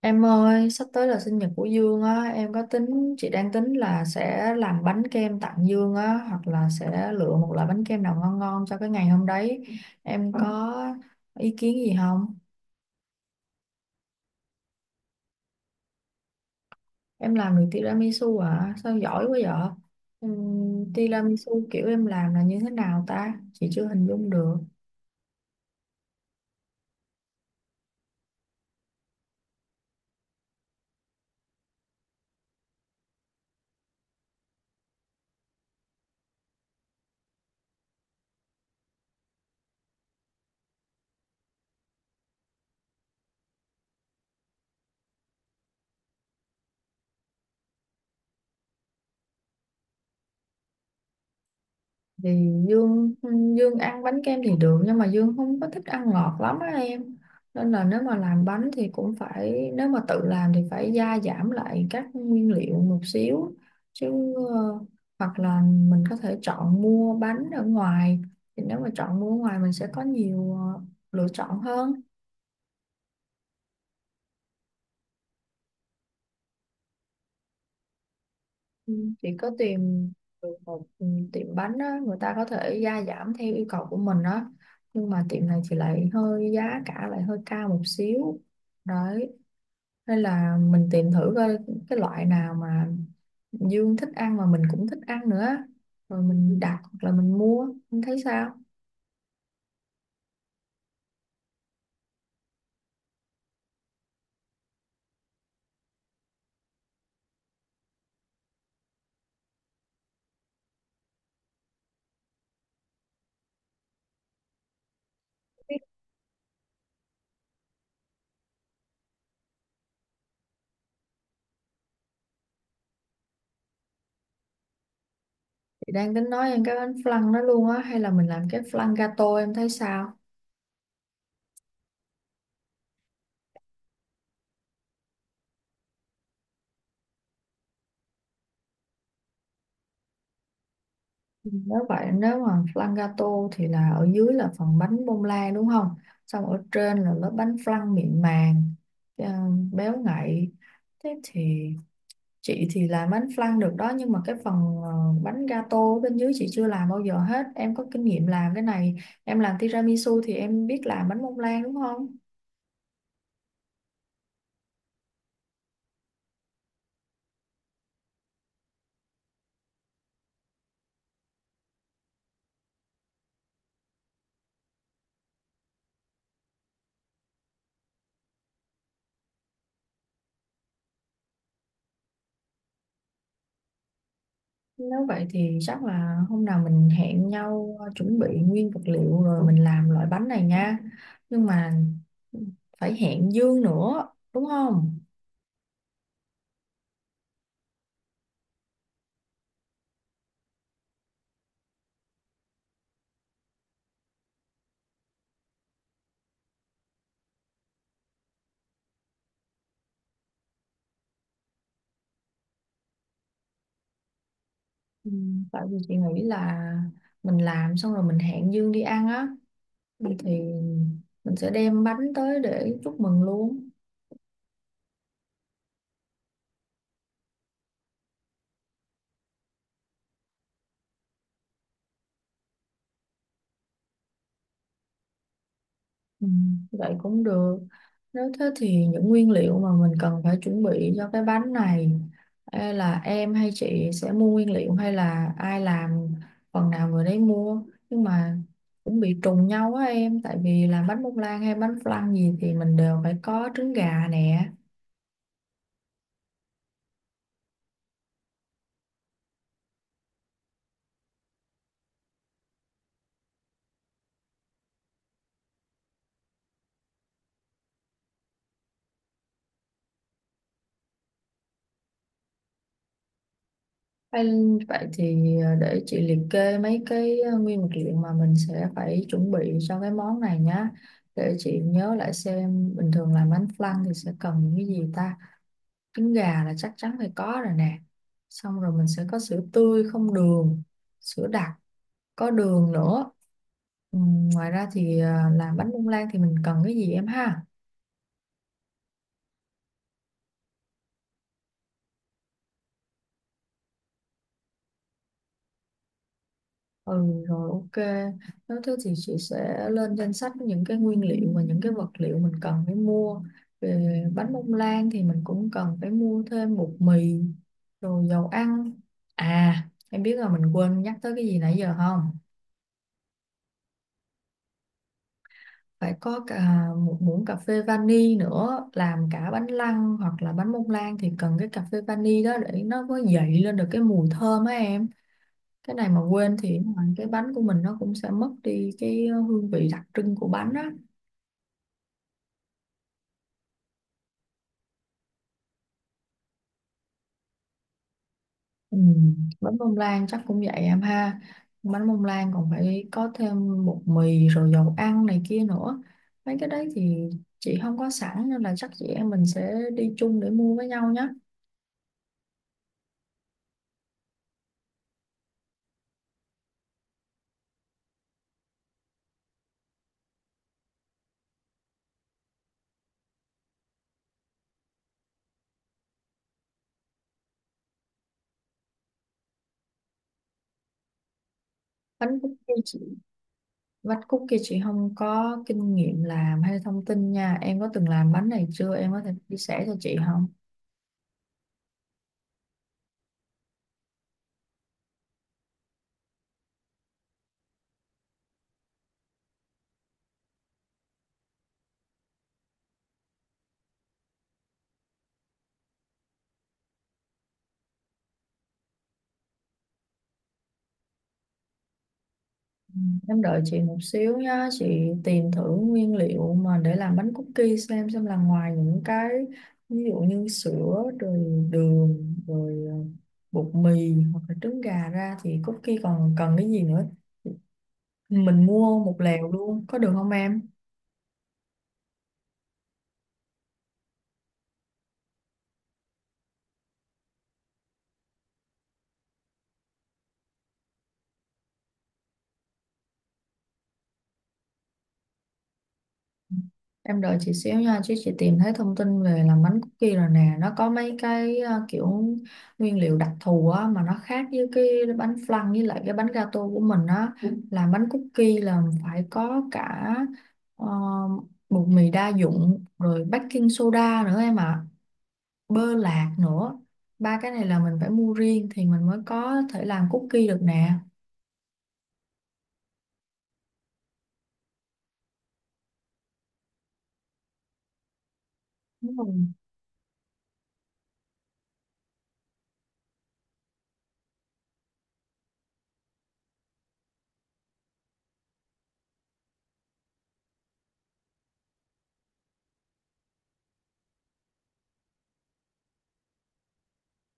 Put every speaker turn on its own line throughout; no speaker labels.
Em ơi, sắp tới là sinh nhật của Dương á, em có tính, chị đang tính là sẽ làm bánh kem tặng Dương á, hoặc là sẽ lựa một loại bánh kem nào ngon ngon cho cái ngày hôm đấy. Em có ý kiến gì không? Em làm được tiramisu à? Sao giỏi quá vậy? Tiramisu kiểu em làm là như thế nào ta? Chị chưa hình dung được. Thì Dương Dương ăn bánh kem thì được nhưng mà Dương không có thích ăn ngọt lắm á em, nên là nếu mà làm bánh thì cũng phải, nếu mà tự làm thì phải gia giảm lại các nguyên liệu một xíu, chứ ờ, hoặc là mình có thể chọn mua bánh ở ngoài. Thì nếu mà chọn mua ở ngoài mình sẽ có nhiều lựa chọn hơn. Ừ, chị có tìm được một tiệm bánh á, người ta có thể gia giảm theo yêu cầu của mình á, nhưng mà tiệm này thì lại hơi giá cả lại hơi cao một xíu đấy, nên là mình tìm thử coi cái loại nào mà Dương thích ăn mà mình cũng thích ăn nữa, rồi mình đặt hoặc là mình mua, em thấy sao? Chị đang tính nói em cái bánh flan đó luôn á, hay là mình làm cái flan gato, em thấy sao? Nếu vậy, nếu mà flan gato thì là ở dưới là phần bánh bông lan đúng không? Xong ở trên là lớp bánh flan mịn màng, ờ, béo ngậy. Thế thì chị thì làm bánh flan được đó, nhưng mà cái phần bánh gato ở bên dưới chị chưa làm bao giờ hết. Em có kinh nghiệm làm cái này, em làm tiramisu thì em biết làm bánh bông lan đúng không? Nếu vậy thì chắc là hôm nào mình hẹn nhau, chuẩn bị nguyên vật liệu rồi mình làm loại bánh này nha. Nhưng mà phải hẹn Dương nữa, đúng không? Ừ, tại vì chị nghĩ là mình làm xong rồi mình hẹn Dương đi ăn á, thì mình sẽ đem bánh tới để chúc mừng luôn. Ừ, vậy cũng được. Nếu thế thì những nguyên liệu mà mình cần phải chuẩn bị cho cái bánh này, e là em hay chị sẽ mua nguyên liệu, hay là ai làm phần nào người đấy mua, nhưng mà cũng bị trùng nhau á em, tại vì làm bánh bông lan hay bánh flan gì thì mình đều phải có trứng gà nè. Hay, vậy thì để chị liệt kê mấy cái nguyên vật liệu mà mình sẽ phải chuẩn bị cho cái món này nhá. Để chị nhớ lại xem bình thường làm bánh flan thì sẽ cần những cái gì ta. Trứng gà là chắc chắn phải có rồi nè, xong rồi mình sẽ có sữa tươi không đường, sữa đặc có đường nữa. ừ, Ngoài ra thì làm bánh bông lan thì mình cần cái gì em ha? Ừ, rồi, ok. Nếu thế thì chị sẽ lên danh sách những cái nguyên liệu và những cái vật liệu mình cần phải mua. Về bánh bông lan thì mình cũng cần phải mua thêm bột mì, rồi dầu ăn. À, em biết là mình quên nhắc tới cái gì nãy giờ không? Phải có cả một muỗng cà phê vani nữa, làm cả bánh lăng hoặc là bánh bông lan thì cần cái cà phê vani đó để nó có dậy lên được cái mùi thơm á em. Cái này mà quên thì ngoài cái bánh của mình nó cũng sẽ mất đi cái hương vị đặc trưng của bánh á. Ừ. Bánh bông lan chắc cũng vậy em ha, bánh bông lan còn phải có thêm bột mì rồi dầu ăn này kia nữa. Mấy cái đấy thì chị không có sẵn, nên là chắc chị em mình sẽ đi chung để mua với nhau nhé. Bánh cookie chị? Vắt cúc kia chị không có kinh nghiệm làm hay thông tin nha. Em có từng làm bánh này chưa? Em có thể chia sẻ cho chị không? Ừ, em đợi chị một xíu nhá. Chị tìm thử nguyên liệu mà để làm bánh cookie, xem là ngoài những cái ví dụ như sữa rồi đường rồi bột mì hoặc là trứng gà ra thì cookie còn cần cái gì nữa. Mình mua một lèo luôn có được không em? Em đợi chị xíu nha, chứ chị tìm thấy thông tin về làm bánh cookie rồi nè, nó có mấy cái kiểu nguyên liệu đặc thù á mà nó khác với cái bánh flan với lại cái bánh gato của mình á. Ừ. Làm bánh cookie là phải có cả ờ, bột mì đa dụng rồi baking soda nữa em ạ, bơ lạc nữa. Ba cái này là mình phải mua riêng thì mình mới có thể làm cookie được nè. Đúng rồi.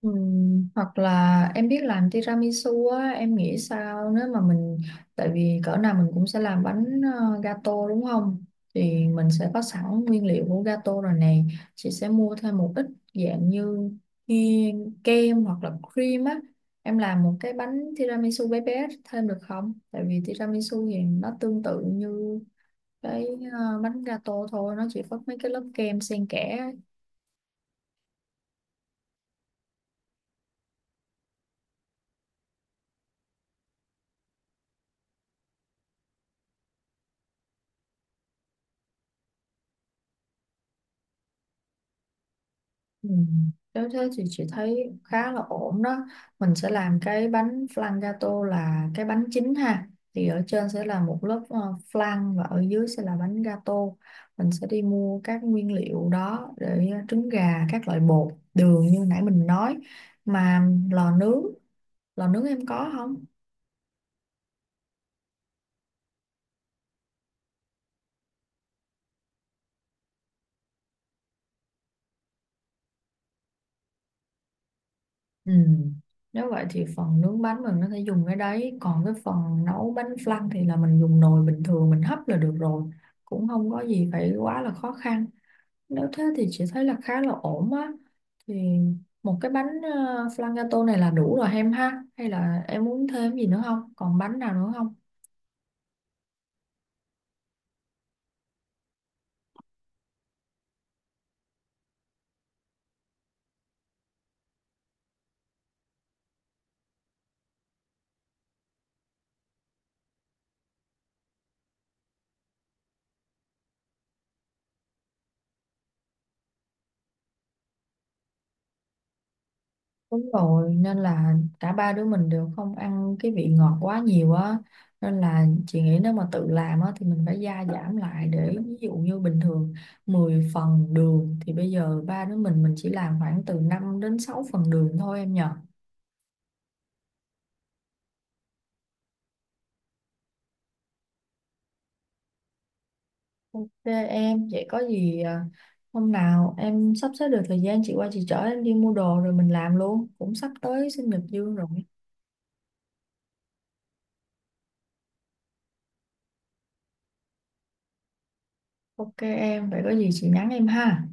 Hoặc là em biết làm tiramisu á, em nghĩ sao nếu mà mình, tại vì cỡ nào mình cũng sẽ làm bánh gato đúng không, thì mình sẽ có sẵn nguyên liệu của gato rồi này, chị sẽ mua thêm một ít dạng như kia- kem hoặc là cream á, em làm một cái bánh tiramisu bé bé thêm được không, tại vì tiramisu thì nó tương tự như cái bánh gato thôi, nó chỉ có mấy cái lớp kem xen kẽ. Ừ. Nếu thế thì chị thấy khá là ổn đó. Mình sẽ làm cái bánh flan gato là cái bánh chính ha. Thì ở trên sẽ là một lớp flan và ở dưới sẽ là bánh gato. Mình sẽ đi mua các nguyên liệu đó để trứng gà, các loại bột, đường như nãy mình nói. Mà lò nướng em có không? Ừ. Nếu vậy thì phần nướng bánh mình có thể dùng cái đấy. Còn cái phần nấu bánh flan thì là mình dùng nồi bình thường mình hấp là được rồi. Cũng không có gì phải quá là khó khăn. Nếu thế thì chị thấy là khá là ổn á. Thì một cái bánh flan gato này là đủ rồi em ha. Hay là em muốn thêm gì nữa không? Còn bánh nào nữa không? Đúng rồi, nên là cả ba đứa mình đều không ăn cái vị ngọt quá nhiều á. Nên là chị nghĩ nếu mà tự làm á thì mình phải gia giảm lại, để ví dụ như bình thường 10 phần đường thì bây giờ ba đứa mình chỉ làm khoảng từ 5 đến 6 phần đường thôi em nhờ. Ok em, vậy có gì hôm nào em sắp xếp được thời gian chị qua chị chở em đi mua đồ rồi mình làm luôn. Cũng sắp tới sinh nhật Dương rồi. Ok em, vậy có gì chị nhắn em ha.